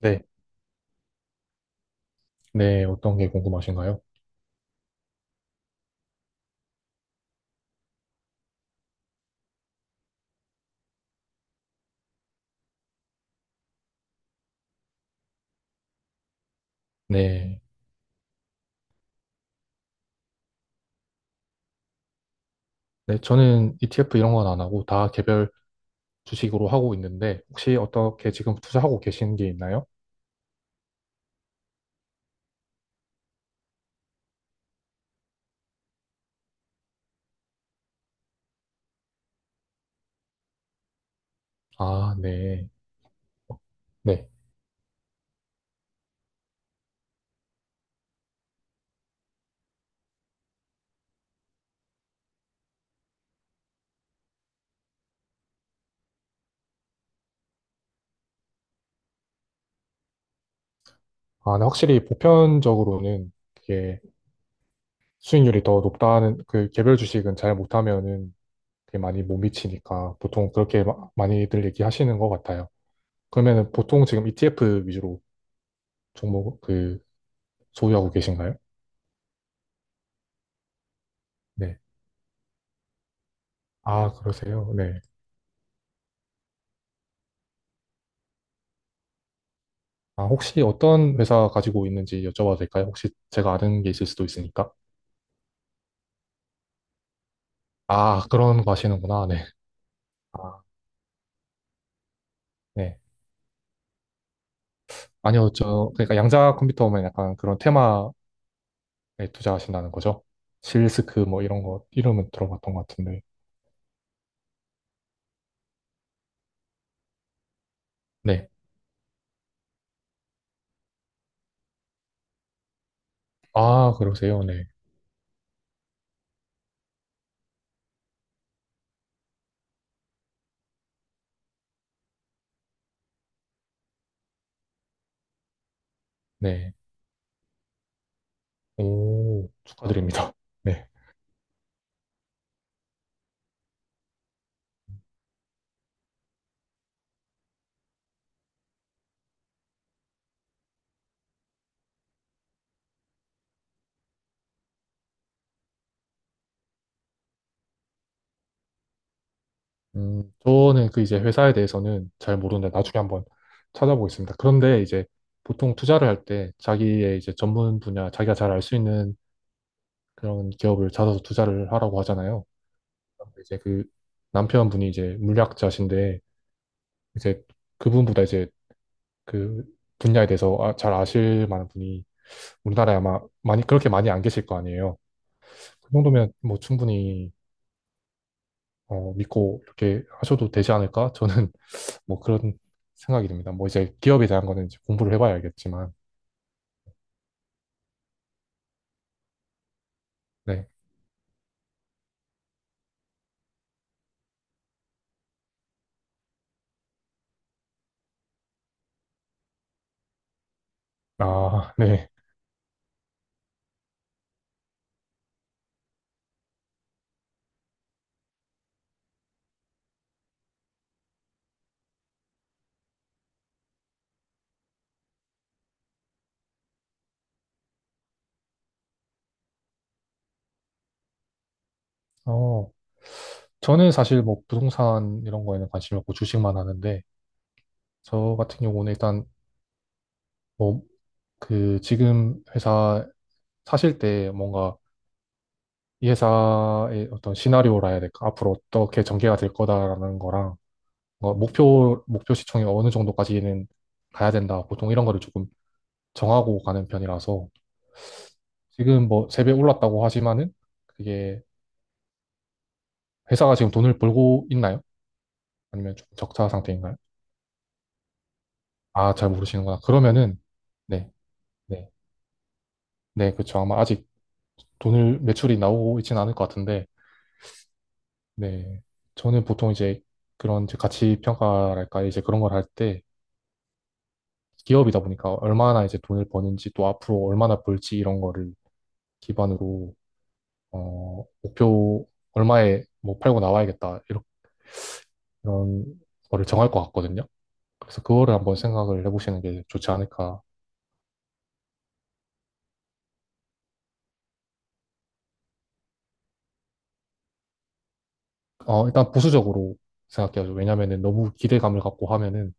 네, 네, 어떤 게 궁금하신가요? 네, 네, 저는 ETF 이런 건 안 하고 다 개별 주식으로 하고 있는데 혹시 어떻게 지금 투자하고 계신 게 있나요? 아, 네, 네. 아, 네, 확실히 보편적으로는 그게 수익률이 더 높다는 그 개별 주식은 잘 못하면은 그게 많이 못 미치니까 보통 그렇게 많이들 얘기하시는 것 같아요. 그러면은 보통 지금 ETF 위주로 종목 그 소유하고 계신가요? 네. 아, 그러세요? 네. 아, 혹시 어떤 회사 가지고 있는지 여쭤봐도 될까요? 혹시 제가 아는 게 있을 수도 있으니까. 아, 그런 거 하시는구나. 네. 아, 네. 아니요, 저, 그러니까 양자 컴퓨터 오면 약간 그런 테마에 투자하신다는 거죠? 실스크 뭐 이런 거, 이름은 들어봤던 것 같은데. 네. 아, 그러세요. 네. 네. 오, 축하드립니다. 네. 저는 그 이제 회사에 대해서는 잘 모르는데 나중에 한번 찾아보겠습니다. 그런데 이제 보통 투자를 할 때 자기의 이제 전문 분야, 자기가 잘 알 수 있는 그런 기업을 찾아서 투자를 하라고 하잖아요. 이제 그 남편분이 이제 물리학자신데 이제 그분보다 이제 그 분야에 대해서 잘 아실 만한 분이 우리나라에 아마 많이 그렇게 많이 안 계실 거 아니에요. 그 정도면 뭐 충분히 어, 믿고 이렇게 하셔도 되지 않을까? 저는 뭐 그런 생각이 듭니다. 뭐 이제 기업에 대한 거는 이제 공부를 해봐야 알겠지만 네. 아, 네. 어. 저는 사실 뭐 부동산 이런 거에는 관심이 없고 주식만 하는데 저 같은 경우는 일단 뭐, 그, 지금 회사 사실 때 뭔가 이 회사의 어떤 시나리오라 해야 될까? 앞으로 어떻게 전개가 될 거다라는 거랑 뭔가 목표 시총이 어느 정도까지는 가야 된다. 보통 이런 거를 조금 정하고 가는 편이라서 지금 뭐 세배 올랐다고 하지만은 그게 회사가 지금 돈을 벌고 있나요? 아니면 좀 적자 상태인가요? 아, 잘 모르시는구나. 그러면은 네, 네, 네, 그렇죠. 아마 아직 돈을 매출이 나오고 있지는 않을 것 같은데 네. 저는 보통 이제 그런 이제 가치 평가랄까 이제 그런 걸 할 때 기업이다 보니까 얼마나 이제 돈을 버는지 또 앞으로 얼마나 벌지 이런 거를 기반으로 어 목표 얼마에 뭐 팔고 나와야겠다 이런 이런 거를 정할 것 같거든요. 그래서 그거를 한번 생각을 해보시는 게 좋지 않을까. 어 일단 보수적으로 생각해야죠. 왜냐면은 너무 기대감을 갖고 하면은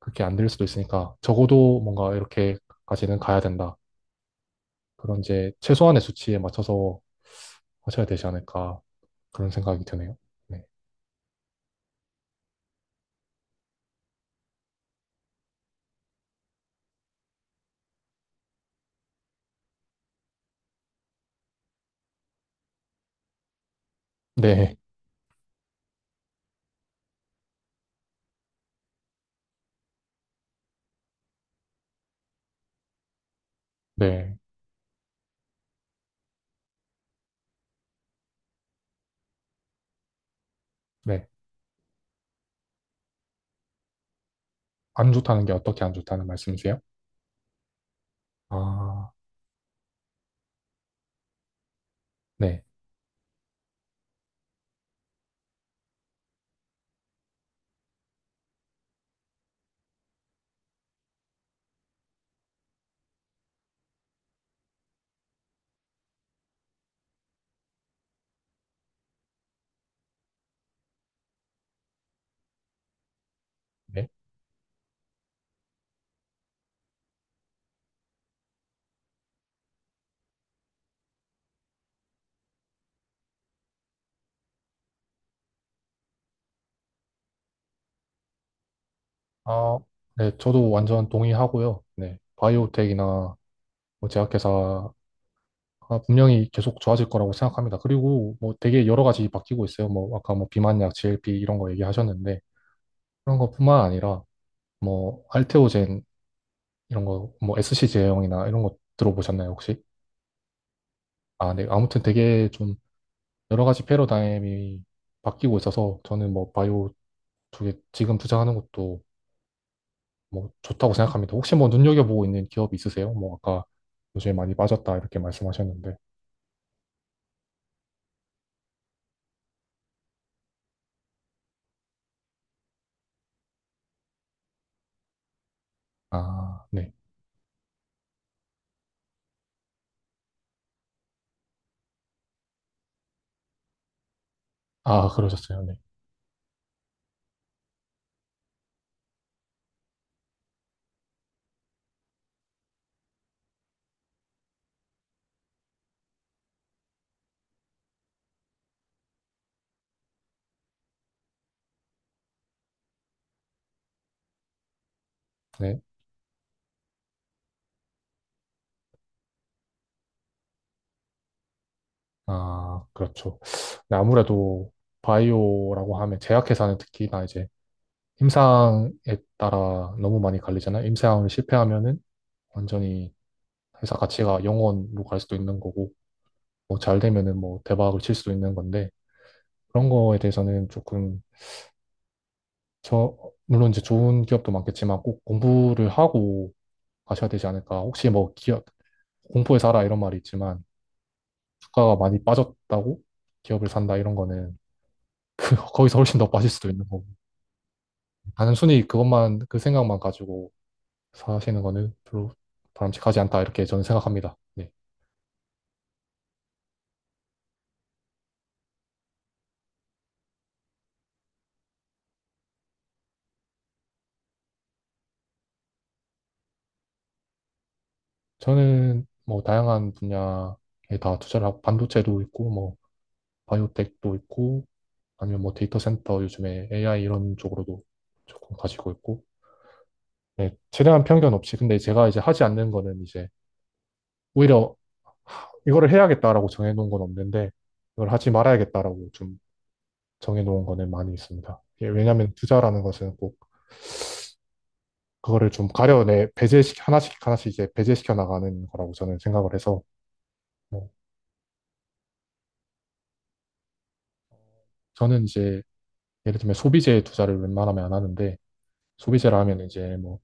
그렇게 안 될 수도 있으니까 적어도 뭔가 이렇게까지는 가야 된다. 그런 이제 최소한의 수치에 맞춰서 하셔야 되지 않을까 그런 생각이 드네요. 네. 네. 네. 네. 안 좋다는 게 어떻게 안 좋다는 말씀이세요? 아, 네. 네. 아, 네. 저도 완전 동의하고요. 네. 바이오텍이나 뭐 제약회사 아, 분명히 계속 좋아질 거라고 생각합니다. 그리고 뭐 되게 여러 가지 바뀌고 있어요. 뭐 아까 뭐 비만약, GLP 이런 거 얘기하셨는데 그런 것뿐만 아니라 뭐 알테오젠 이런 거 뭐 SC 제형이나 이런 거 들어보셨나요, 혹시? 아, 네. 아무튼 되게 좀 여러 가지 패러다임이 바뀌고 있어서 저는 뭐 바이오 쪽에 지금 투자하는 것도 뭐 좋다고 생각합니다. 혹시 뭐 눈여겨보고 있는 기업이 있으세요? 뭐 아까 요즘에 많이 빠졌다 이렇게 말씀하셨는데. 아, 네. 아, 그러셨어요. 네. 네. 아, 그렇죠. 네, 아무래도 바이오라고 하면 제약회사는 특히나 이제 임상에 따라 너무 많이 갈리잖아요. 임상을 실패하면은 완전히 회사 가치가 영원으로 갈 수도 있는 거고, 뭐 잘 되면은 뭐 대박을 칠 수도 있는 건데, 그런 거에 대해서는 조금 저 물론 이제 좋은 기업도 많겠지만 꼭 공부를 하고 가셔야 되지 않을까. 혹시 뭐 기업 공포에 살아 이런 말이 있지만 주가가 많이 빠졌다고 기업을 산다 이런 거는 거기서 훨씬 더 빠질 수도 있는 거고 단순히 그것만 그 생각만 가지고 사시는 거는 별로 바람직하지 않다 이렇게 저는 생각합니다. 네. 저는 뭐 다양한 분야에 다 투자를 하고 반도체도 있고 뭐 바이오텍도 있고, 아니면 뭐 데이터 센터 요즘에 AI 이런 쪽으로도 조금 가지고 있고, 네, 최대한 편견 없이. 근데 제가 이제 하지 않는 거는 이제 오히려 이거를 해야겠다라고 정해놓은 건 없는데, 이걸 하지 말아야겠다라고 좀 정해놓은 거는 많이 있습니다. 예, 왜냐하면 투자라는 것은 꼭 그거를 좀 가려내 배제시 하나씩 하나씩 이제 배제시켜 나가는 거라고 저는 생각을 해서 뭐 저는 이제 예를 들면 소비재에 투자를 웬만하면 안 하는데 소비재라 하면 이제 뭐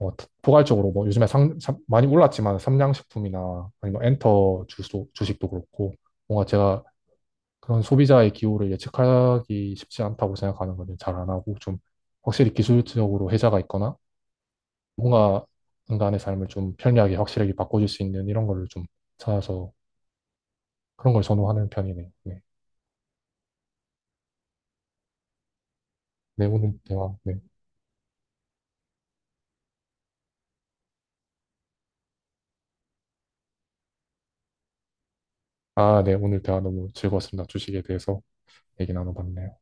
어, 포괄적으로 뭐 요즘에 참 많이 올랐지만 삼양식품이나 아니면 뭐 엔터 주식도 그렇고 뭔가 제가 그런 소비자의 기호를 예측하기 쉽지 않다고 생각하는 거는 잘 안 하고 좀 확실히 기술적으로 혜자가 있거나 뭔가 인간의 삶을 좀 편리하게 확실하게 바꿔줄 수 있는 이런 거를 좀 찾아서 그런 걸 선호하는 편이네요. 네. 네. 아, 네, 오늘 대화 너무 즐거웠습니다. 주식에 대해서 얘기 나눠봤네요.